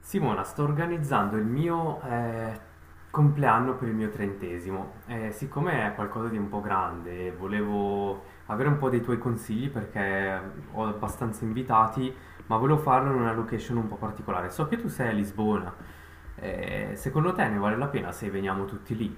Simona, sto organizzando il mio compleanno per il mio trentesimo. Siccome è qualcosa di un po' grande, volevo avere un po' dei tuoi consigli perché ho abbastanza invitati, ma volevo farlo in una location un po' particolare. So che tu sei a Lisbona. Secondo te ne vale la pena se veniamo tutti lì?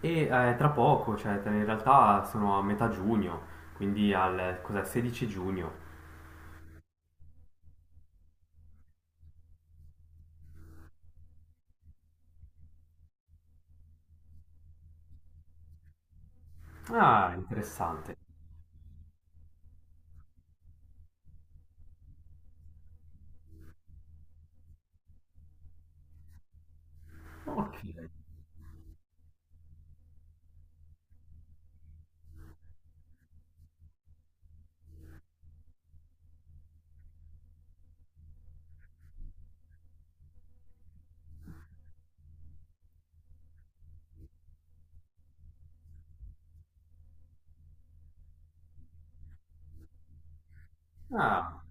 E tra poco, cioè in realtà sono a metà giugno, quindi al cos'è, 16 giugno. Ah, interessante. Ok. Ah.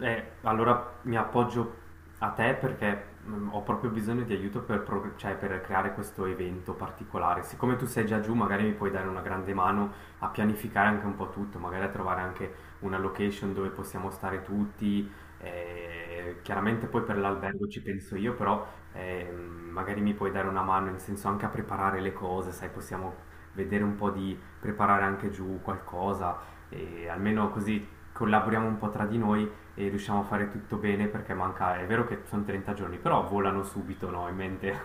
Allora mi appoggio a te perché ho proprio bisogno di aiuto per, cioè, per creare questo evento particolare. Siccome tu sei già giù, magari mi puoi dare una grande mano a pianificare anche un po' tutto, magari a trovare anche una location dove possiamo stare tutti. Chiaramente poi per l'albergo ci penso io, però magari mi puoi dare una mano in senso anche a preparare le cose, sai, possiamo vedere un po' di preparare anche giù qualcosa e almeno così collaboriamo un po' tra di noi e riusciamo a fare tutto bene perché manca, è vero che sono 30 giorni, però volano subito, no? In mente.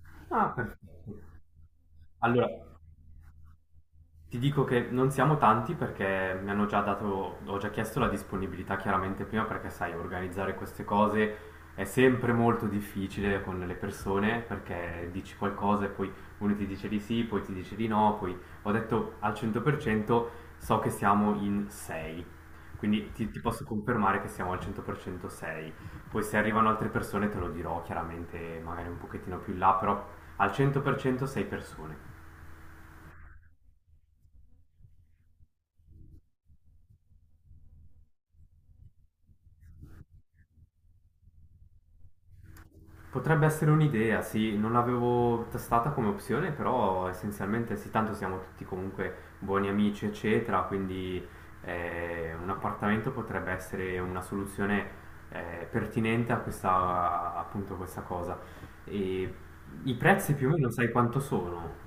ah, perfetto. Allora, ti dico che non siamo tanti perché mi hanno già dato, ho già chiesto la disponibilità chiaramente prima perché sai, organizzare queste cose è sempre molto difficile con le persone perché dici qualcosa e poi uno ti dice di sì, poi ti dice di no, poi ho detto al 100% so che siamo in 6, quindi ti posso confermare che siamo al 100% 6. Poi se arrivano altre persone te lo dirò chiaramente magari un pochettino più in là, però al 100% 6 persone. Potrebbe essere un'idea, sì, non l'avevo testata come opzione, però essenzialmente sì, tanto siamo tutti comunque buoni amici, eccetera, quindi un appartamento potrebbe essere una soluzione pertinente a questa, appunto, questa cosa. E i prezzi più o meno sai quanto sono?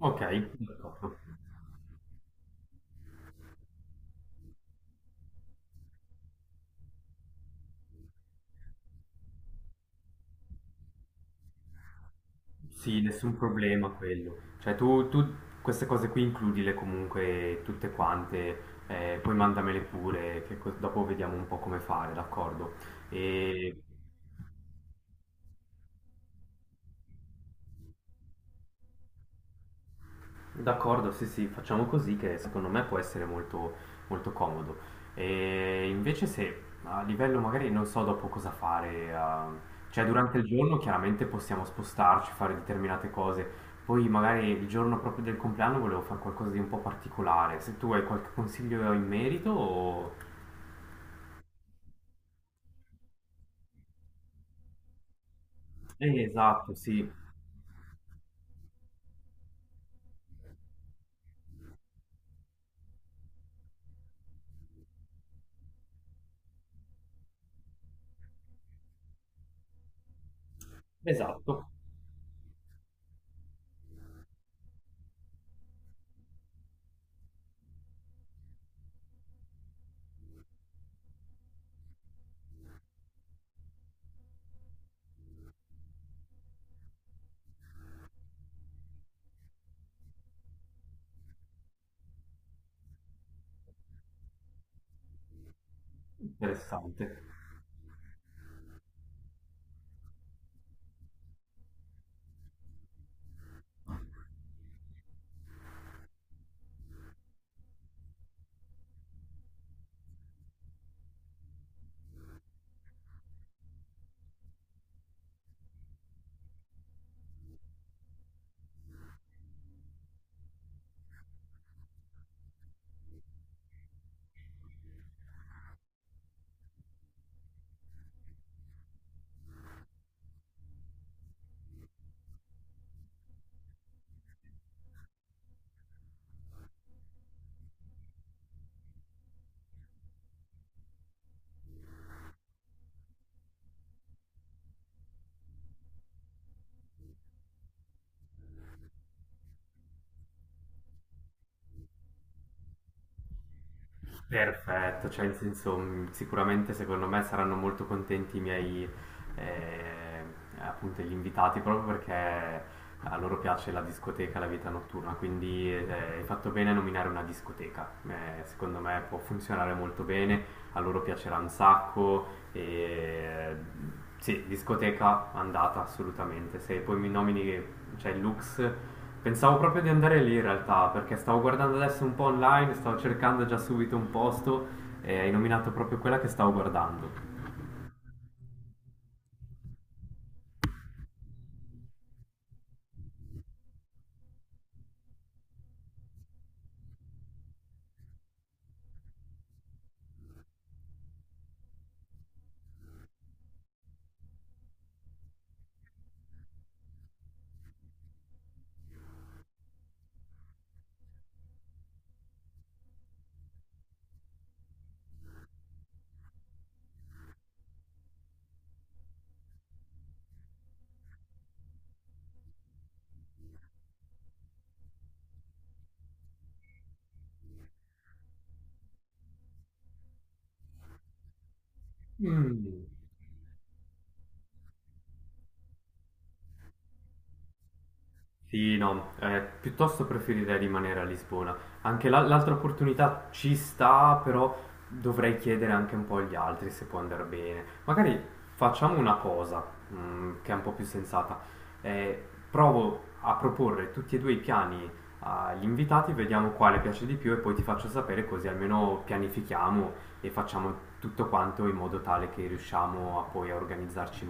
Ok, d'accordo. Sì, nessun problema quello. Cioè tu queste cose qui includile comunque tutte quante, poi mandamele pure, che dopo vediamo un po' come fare, d'accordo? E d'accordo, sì, sì, facciamo così che secondo me può essere molto, molto comodo. E invece se a livello magari non so dopo cosa fare, ah, cioè durante il giorno chiaramente possiamo spostarci, fare determinate cose, poi magari il giorno proprio del compleanno volevo fare qualcosa di un po' particolare, se tu hai qualche consiglio in merito o... esatto, sì, esatto, interessante. Perfetto, cioè in senso sicuramente secondo me saranno molto contenti i miei eh, appunto gli invitati proprio perché a loro piace la discoteca, la vita notturna, quindi hai fatto bene a nominare una discoteca. Secondo me può funzionare molto bene, a loro piacerà un sacco e sì, discoteca andata assolutamente, se poi mi nomini cioè il Lux. Pensavo proprio di andare lì in realtà, perché stavo guardando adesso un po' online, stavo cercando già subito un posto e hai nominato proprio quella che stavo guardando. Mm. Sì, no, piuttosto preferirei rimanere a Lisbona. Anche l'altra opportunità ci sta, però dovrei chiedere anche un po' agli altri se può andare bene. Magari facciamo una cosa, mm, che è un po' più sensata. Eh, provo a proporre tutti e due i piani agli invitati, vediamo quale piace di più e poi ti faccio sapere così almeno pianifichiamo e facciamo tutto quanto in modo tale che riusciamo a poi a organizzarci